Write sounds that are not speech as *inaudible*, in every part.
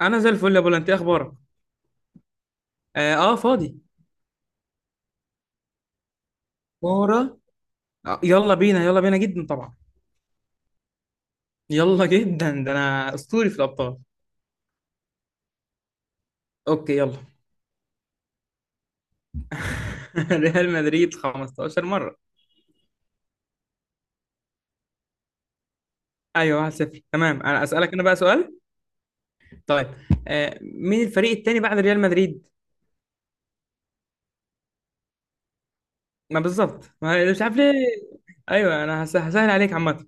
انا زي الفل يا بولا. انت إيه اخبارك؟ اه، فاضي. كوره. يلا بينا يلا بينا، جدا طبعا. يلا، جدا ده، انا اسطوري في الابطال. اوكي، يلا. *laughs* ريال مدريد 15 مره. ايوه، 1-0. تمام، انا اسالك انا بقى سؤال. طيب. مين الفريق التاني بعد ريال مدريد؟ ما بالظبط، ما مش عارف ليه. ايوه، انا هسهل عليك عامه.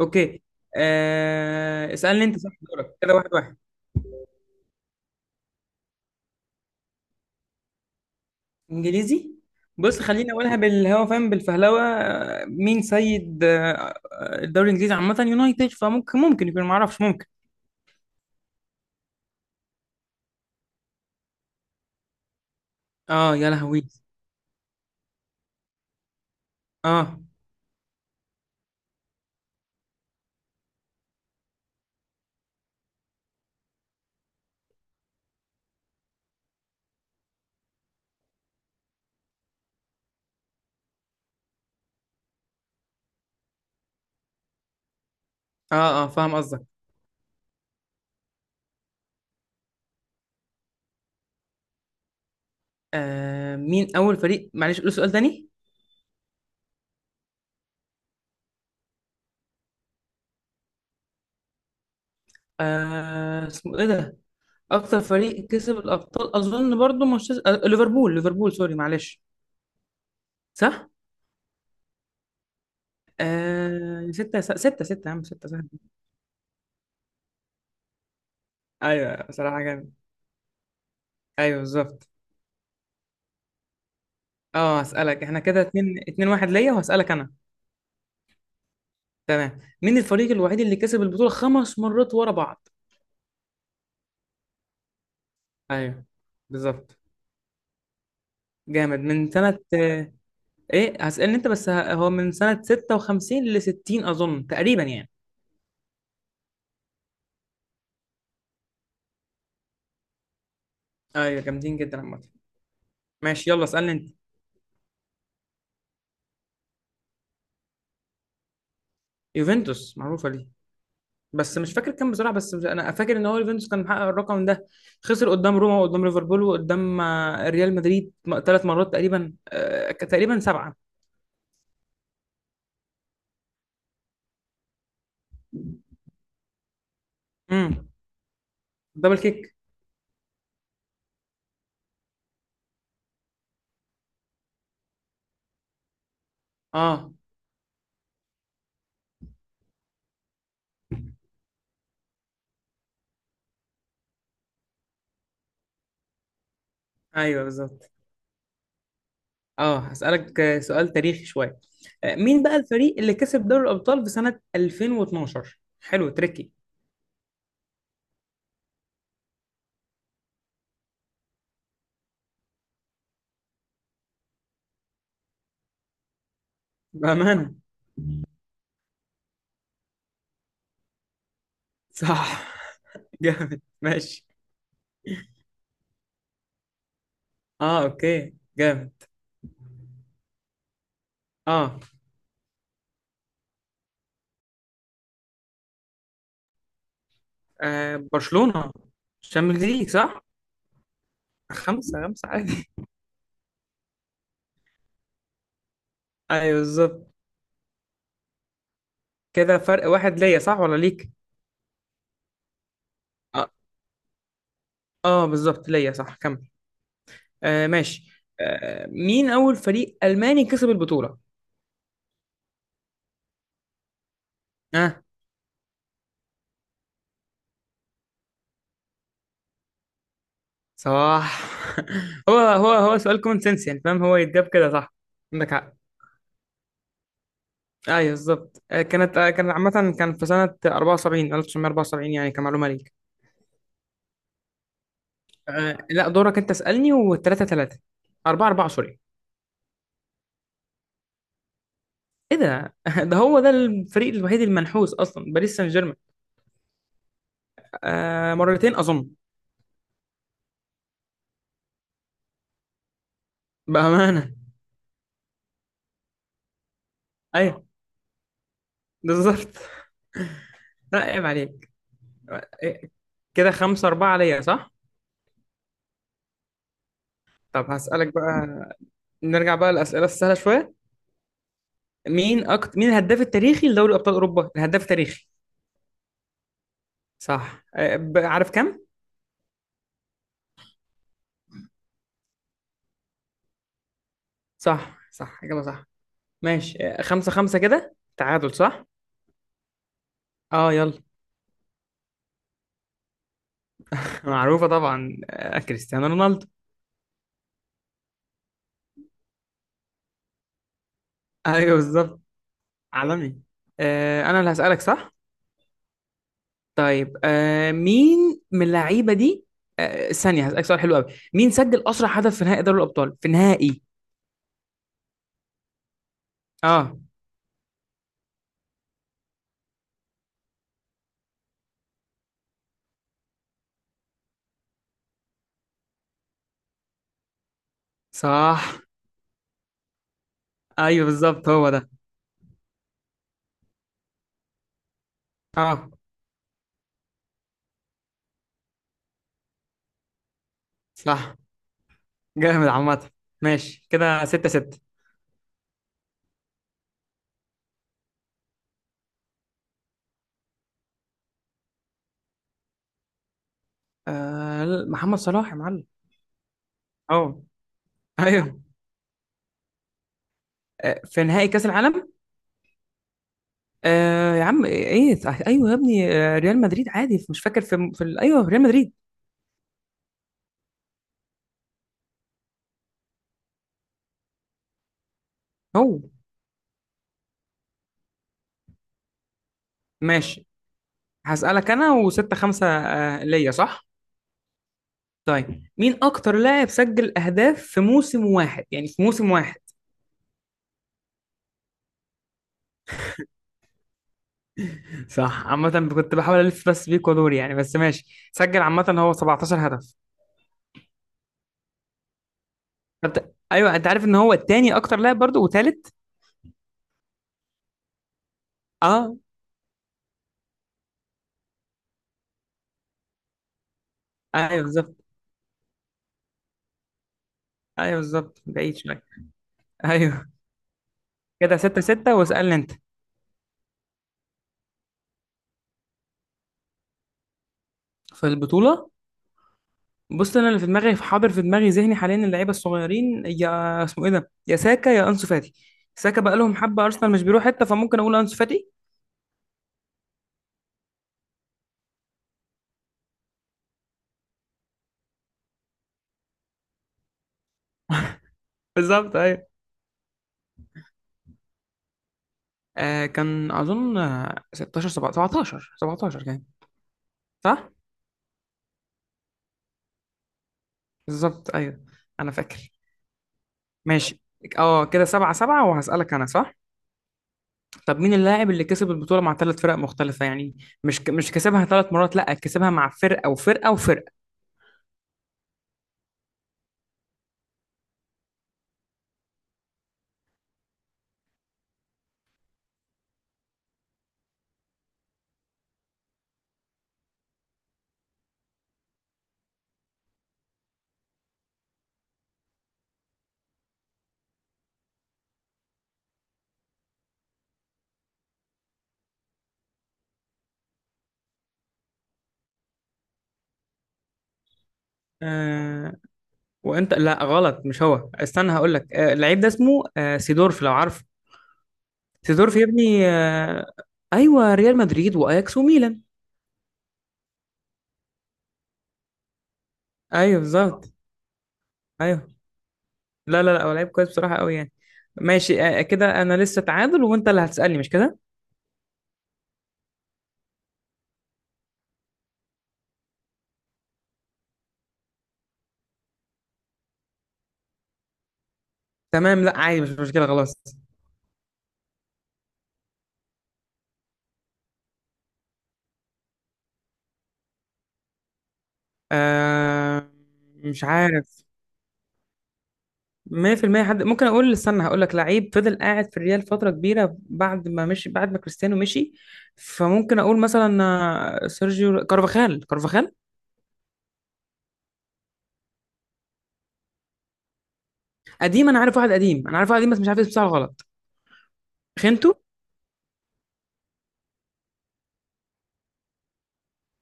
اوكي. اسالني انت، صح؟ دورك كده. 1-1. انجليزي. بص، خليني اقولها بالهوا، فاهم، بالفهلوه. مين سيد الدوري الانجليزي عامه؟ يونايتد، فممكن يكون، معرفش، ممكن. اه يا لهوي. اه اه اه، فاهم قصدك. مين اول فريق؟ معلش قول سؤال تاني. اسمه ايه ده؟ اكتر فريق كسب الابطال، اظن برضو مانشستر، ليفربول، ليفربول، سوري معلش. صح. ستة ستة ستة يا عم، ستة سهل. ايوه، بصراحة جامد. ايوه بالظبط. اه، هسألك. احنا كده اتنين اتنين واحد ليا، وهسألك انا. تمام، مين الفريق الوحيد اللي كسب البطولة خمس مرات ورا بعض؟ ايوه بالظبط. جامد من سنة ايه؟ هسألني انت بس، هو من سنة 56 ل 60 اظن تقريبا يعني. ايوه، جامدين جدا عامة. ماشي، يلا اسألني انت. يوفنتوس، معروفة ليه. بس مش فاكر كام بصراحة، بس مش انا فاكر ان هو يوفنتوس كان محقق الرقم ده. خسر قدام روما، وقدام ليفربول، وقدام ريال مدريد. ثلاث مرات تقريبا، سبعة. امم. دبل كيك. اه ايوه بالظبط. اه، هسألك سؤال تاريخي شوية. مين بقى الفريق اللي كسب دوري الأبطال في سنة 2012؟ حلو، تريكي. بأمانة. صح. *laughs* جامد، ماشي. اه، اوكي، جامد. اه، برشلونة، الشامبيونز ليج، صح؟ خمسة خمسة، عادي. *laughs* ايوه بالظبط. كده فرق واحد ليا، صح ولا ليك؟ اه، بالظبط ليا، صح، كمل. ماشي. مين اول فريق الماني كسب البطولة؟ اه، صح. *laughs* هو سؤال كومن سنس، يعني فاهم، هو يتجاب كده، صح؟ عندك حق. ايوه بالظبط. كان عامة، كان في سنة 74، 1974 يعني، كمعلومة ليك. لا، دورك انت، اسألني. و3 3، 4 4، سوري. ايه ده؟ *laughs* ده ده الفريق الوحيد المنحوس اصلا، باريس سان جيرمان. مرتين اظن. بأمانة. ايوه بالظبط. *laughs* لا عيب عليك. آه، إيه، كده 5 4 عليا، صح؟ طب هسألك بقى. نرجع بقى للأسئلة السهلة شوية. مين الهداف التاريخي لدوري أبطال أوروبا؟ الهداف التاريخي. صح. عارف كام؟ صح، صح، إجابة صح. ماشي. خمسة خمسة، كده تعادل، صح؟ اه، يلا. *laughs* معروفة طبعا، كريستيانو رونالدو. ايوه بالظبط. عالمي. انا اللي هسألك، صح؟ طيب، مين من اللعيبة دي. ثانية، هسألك سؤال حلو قوي. مين سجل أسرع هدف في نهائي دوري الأبطال؟ في نهائي. اه، صح. ايوه بالظبط، هو ده. اه، صح. جامد عامة. ماشي، كده ستة ستة. محمد صلاح يا معلم. اه، ايوه. في نهائي كأس العالم. يا عم ايه. ايوه يا ابني، ريال مدريد، عادي، مش فاكر ايوه ريال مدريد. هو. ماشي، هسألك انا، وستة خمسة ليا، صح؟ طيب، مين اكتر لاعب سجل اهداف في موسم واحد، يعني في موسم واحد؟ صح عامة. كنت بحاول الف بس بيك ودوري يعني، بس ماشي، سجل عامة هو 17 هدف. ايوه، انت عارف ان هو التاني اكتر لاعب برضه، وثالث. اه. ايوه بالظبط. ايوه بالظبط، بعيد شويه. ايوه، كده ستة ستة، واسألني انت. في البطولة. بص، انا اللي في دماغي، في حاضر في دماغي، ذهني حاليا اللعيبه الصغيرين، يا اسمه ايه ده، يا ساكا يا انسو فاتي. ساكا بقى لهم حبه ارسنال، مش بيروح حته، فممكن اقول انسو فاتي. بالظبط ايوه. كان اظن 16، 17، 17 كان. صح. بالظبط ايوه. انا فاكر. ماشي. اه، كده سبعة سبعة، وهسألك انا، صح؟ طب مين اللاعب اللي كسب البطولة مع ثلاث فرق مختلفة يعني؟ مش كسبها ثلاث مرات، لا كسبها مع فرقة وفرقة وفرقة. آه... وانت، لا غلط، مش هو، استنى هقول لك. اللعيب ده اسمه سيدورف، لو عارف. سيدورف يا ابني. ايوه، ريال مدريد واياكس وميلان. ايوه بالظبط. ايوه. لا لا لا، هو لعيب كويس بصراحة، قوي يعني. ماشي. كده انا لسه تعادل، وانت اللي هتسألني، مش كده؟ تمام، لا عادي، مش مشكلة، خلاص. آه... مش عارف. 100% حد، ممكن اقول، استنى هقول لك، لعيب فضل قاعد في الريال فتره كبيره بعد ما مشي، بعد ما كريستيانو مشي. فممكن اقول مثلا سيرجيو كارفاخال، كارفاخال. قديم، انا عارف واحد قديم، انا عارف واحد قديم بس مش عارف اسمه، بتاعه غلط. خنتو.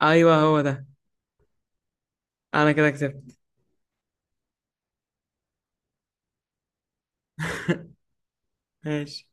ايوه، هو ده. انا كده كسبت. ماشي.